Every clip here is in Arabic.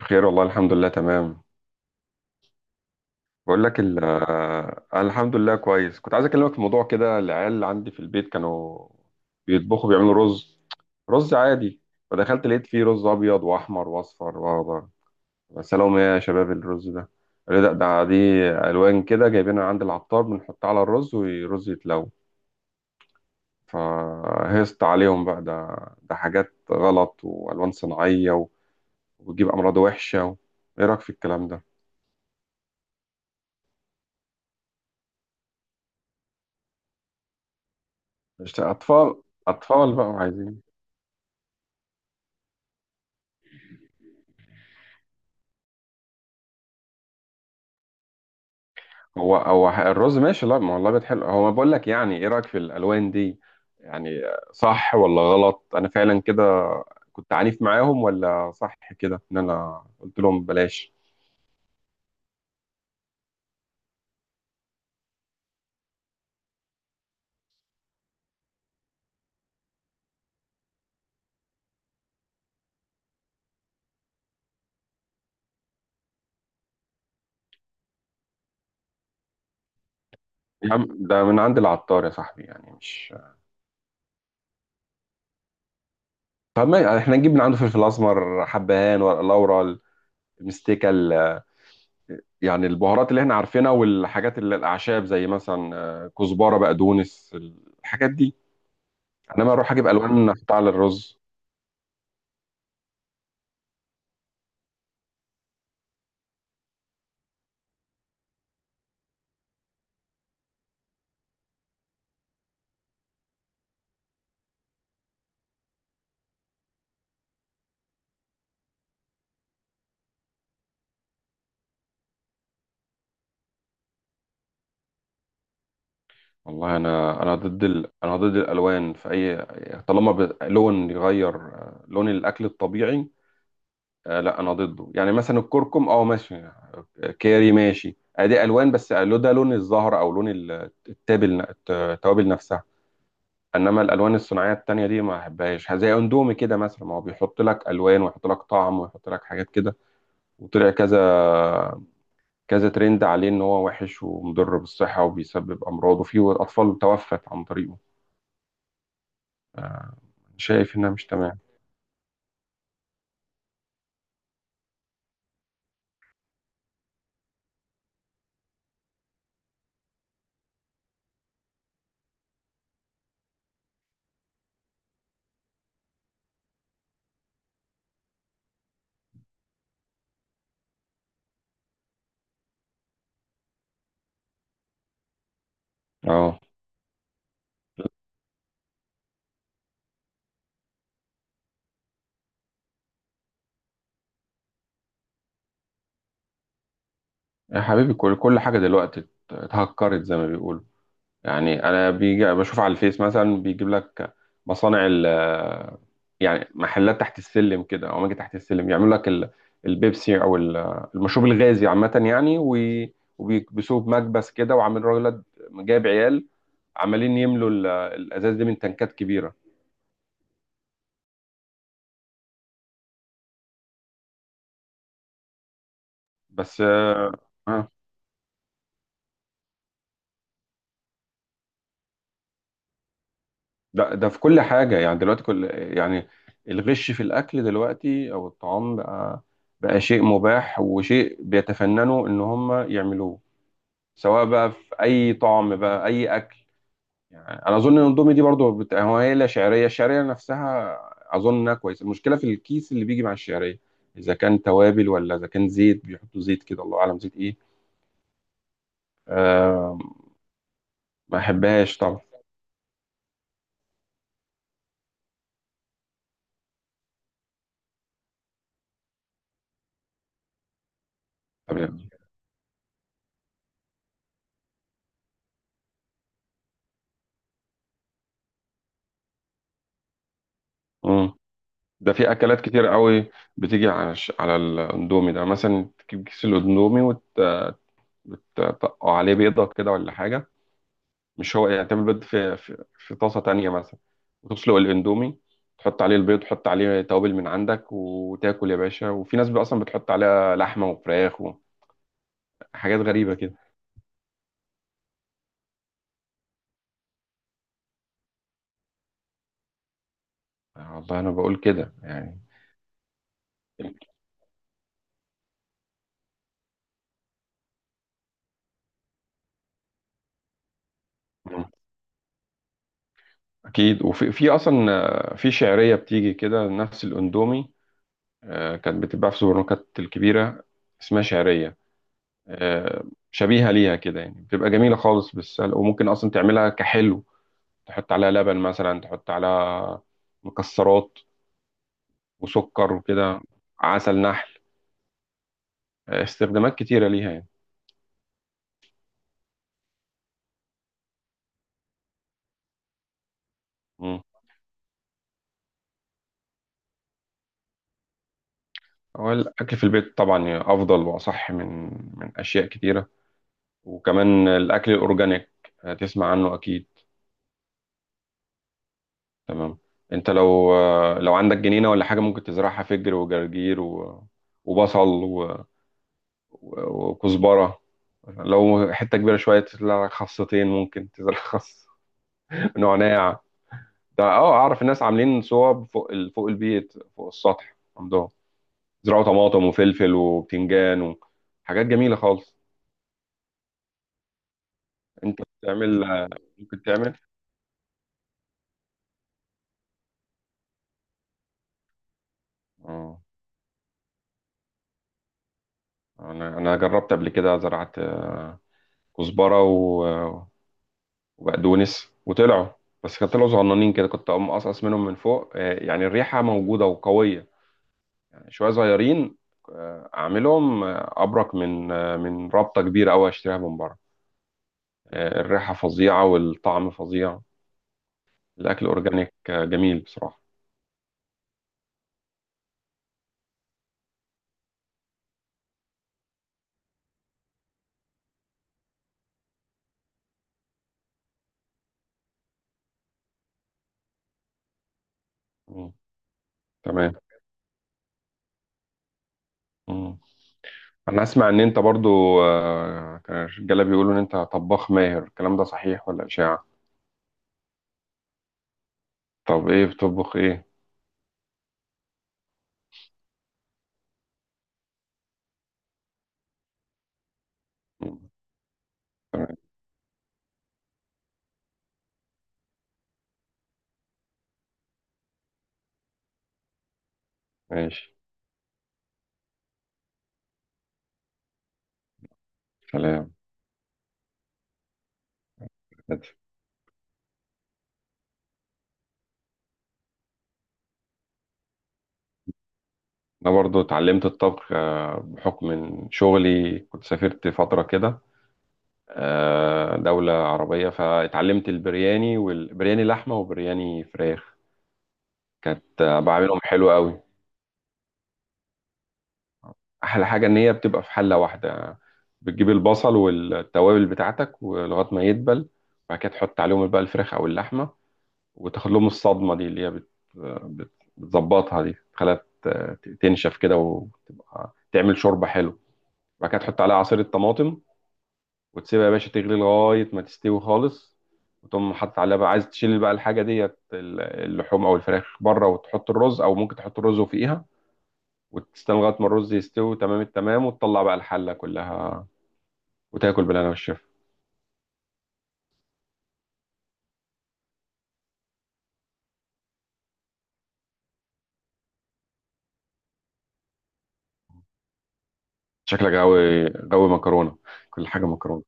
بخير، والله الحمد لله، تمام. بقول لك الحمد لله كويس. كنت عايز اكلمك في موضوع كده. العيال عندي في البيت كانوا بيطبخوا، بيعملوا رز. رز عادي. فدخلت لقيت فيه رز ابيض واحمر واصفر واخضر. سلام يا شباب، الرز ده؟ قالوا لي ده ده دي الوان كده جايبينها عند العطار، بنحطها على الرز والرز يتلو. فهست عليهم بقى ده حاجات غلط والوان صناعيه وبتجيب امراض وحشه. ايه رايك في الكلام ده؟ مش اطفال اطفال بقى وعايزين. هو هو الرز ماشي، لا ما هو اللبن حلو، هو بقول لك يعني ايه رايك في الالوان دي؟ يعني صح ولا غلط؟ انا فعلا كده، كنت عنيف معاهم ولا صح كده ان انا قلت لهم بلاش؟ يا عم ده من عند العطار يا صاحبي، يعني مش... طب ما احنا نجيب من عنده فلفل اسمر، حبهان، ورق لورا، المستيكه ال- يعني البهارات اللي احنا عارفينها والحاجات اللي الاعشاب، زي مثلا كزبره، بقدونس، الحاجات دي. انما اروح اجيب الوان احطها على الرز؟ والله انا ضد انا ضد الالوان في اي... طالما لون يغير لون الاكل الطبيعي. لا انا ضده، يعني مثلا الكركم ماشي، كاري ماشي، ادي الوان. بس لو ده لون الزهر او لون التابل، التوابل نفسها. انما الالوان الصناعيه التانية دي ما احبهاش، زي اندومي كده مثلا، ما هو بيحط لك الوان، ويحط لك طعم، ويحط لك حاجات كده، وطلع كذا ترند عليه ان هو وحش ومضر بالصحه وبيسبب امراض، وفي اطفال توفت عن طريقه. آه، شايف انها مش تمام. اه. يا حبيبي كل حاجه دلوقتي اتهكرت زي ما بيقولوا. يعني انا بيجي بشوف على الفيس مثلا بيجيب لك مصانع ال... يعني محلات تحت السلم كده او اماكن تحت السلم يعملوا لك البيبسي او المشروب الغازي عامه، يعني وبيكبسوه بمكبس كده، وعامل راجل جايب عيال عمالين يملوا الازاز دي من تنكات كبيره. بس اه. ده في كل حاجة، يعني دلوقتي كل... يعني الغش في الأكل دلوقتي أو الطعام بقى، بقى شيء مباح، وشيء بيتفننوا إن هم يعملوه، سواء بقى في أي طعم بقى أي أكل. يعني أنا أظن إن الأندومي دي برضه هو هي لا، شعرية، الشعرية نفسها أظن إنها كويسة. المشكلة في الكيس اللي بيجي مع الشعرية، إذا كان توابل ولا إذا كان زيت، بيحطوا زيت كده الله أعلم زيت إيه. أه، ما أحبهاش طبعا. طبعا. ده في اكلات كتير قوي بتيجي على على الاندومي ده، مثلا تجيب كيس الاندومي وتطقه عليه بيضه كده ولا حاجه، مش هو، يعني تعمل بيض في في طاسه تانية مثلا، وتسلق الاندومي، تحط عليه البيض، تحط عليه توابل من عندك، وتاكل يا باشا. وفي ناس بقى اصلا بتحط عليها لحمه وفراخ وحاجات غريبه كده. والله انا بقول كده يعني. اكيد. وفي اصلا في شعريه بتيجي كده نفس الاندومي، كانت بتتباع في السوبر ماركت الكبيره، اسمها شعريه، آه، شبيهة ليها كده يعني، بتبقى جميلة خالص بالسلق، وممكن أصلا تعملها كحلو، تحط عليها لبن مثلا، تحط عليها مكسرات وسكر وكده، عسل نحل. استخدامات كتيرة ليها يعني. مم. هو الأكل في البيت طبعا أفضل وأصح من أشياء كتيرة. وكمان الأكل الأورجانيك، تسمع عنه أكيد. تمام. أنت لو لو عندك جنينة ولا حاجة، ممكن تزرعها فجر وجرجير وبصل وكزبرة. لو حتة كبيرة شوية تزرع لك خاصتين، ممكن تزرع خاص. نعناع. ده اعرف الناس عاملين صوب فوق فوق البيت، فوق السطح عندهم زرعوا طماطم وفلفل وبتنجان وحاجات جميلة خالص. انت بتعمل، ممكن تعمل. اه، انا جربت قبل كده، زرعت كزبرة وبقدونس وطلعوا. بس كانوا طلعوا صغننين كده، كنت اقوم اقصقص منهم من فوق، يعني الريحة موجودة وقوية، شويه صغيرين. اعملهم ابرك من من رابطه كبيره قوي اشتريها من بره. الريحه فظيعه والطعم فظيع. الاكل اورجانيك جميل بصراحه. مم. تمام. مم. انا اسمع ان انت برضو كان الرجاله بيقولوا ان انت طباخ ماهر، الكلام ده صحيح ولا اشاعه؟ طب ايه بتطبخ، ايه؟ مم. تمام. ماشي. سلام. انا برضو اتعلمت الطبخ بحكم من شغلي، كنت سافرت فتره كده دولة عربية، فاتعلمت البرياني، والبرياني لحمة، وبرياني فراخ. كانت بعملهم حلو قوي. أحلى حاجة إن هي بتبقى في حلة واحدة، بتجيب البصل والتوابل بتاعتك ولغاية ما يدبل، وبعد كده تحط عليهم بقى الفراخ أو اللحمة، وتاخد لهم الصدمة دي، اللي هي بتظبطها دي، تخليها تنشف كده، وتبقى تعمل شوربة حلو، وبعد كده تحط عليها عصير الطماطم، وتسيبها يا باشا تغلي لغاية ما تستوي خالص، وتقوم حاطط عليها بقى، عايز تشيل بقى الحاجة ديت، اللحوم أو الفراخ بره، وتحط الرز، أو ممكن تحط الرز وفوقيها، وتستنى لغاية ما الرز يستوي تمام التمام، وتطلع بقى الحلة كلها، وتاكل بالهنا والشفا. شكلك غاوي غاوي مكرونة، كل حاجة مكرونة.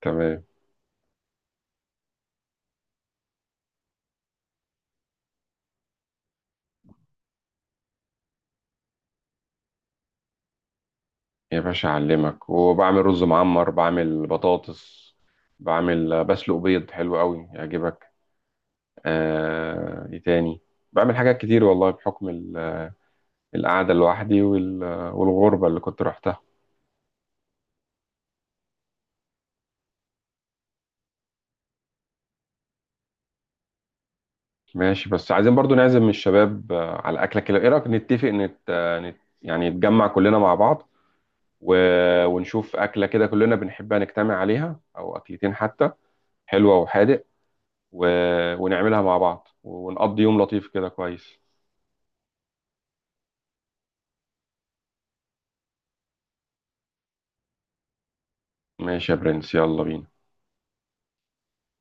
تمام. يا باشا أعلمك، وبعمل رز معمر، بعمل بطاطس، بعمل بسلق بيض حلو قوي يعجبك. آه، إيه تاني؟ بعمل حاجات كتير والله، بحكم القعدة لوحدي، والغربة اللي كنت روحتها. ماشي. بس عايزين برضو نعزم الشباب على أكلة كده. إيه رأيك نتفق يعني نتجمع كلنا مع بعض و... ونشوف أكلة كده كلنا بنحبها نجتمع عليها، أو أكلتين حتى، حلوة وحادق، و... ونعملها مع بعض ونقضي يوم لطيف كده كويس. ماشي يا برنس، يلا بينا.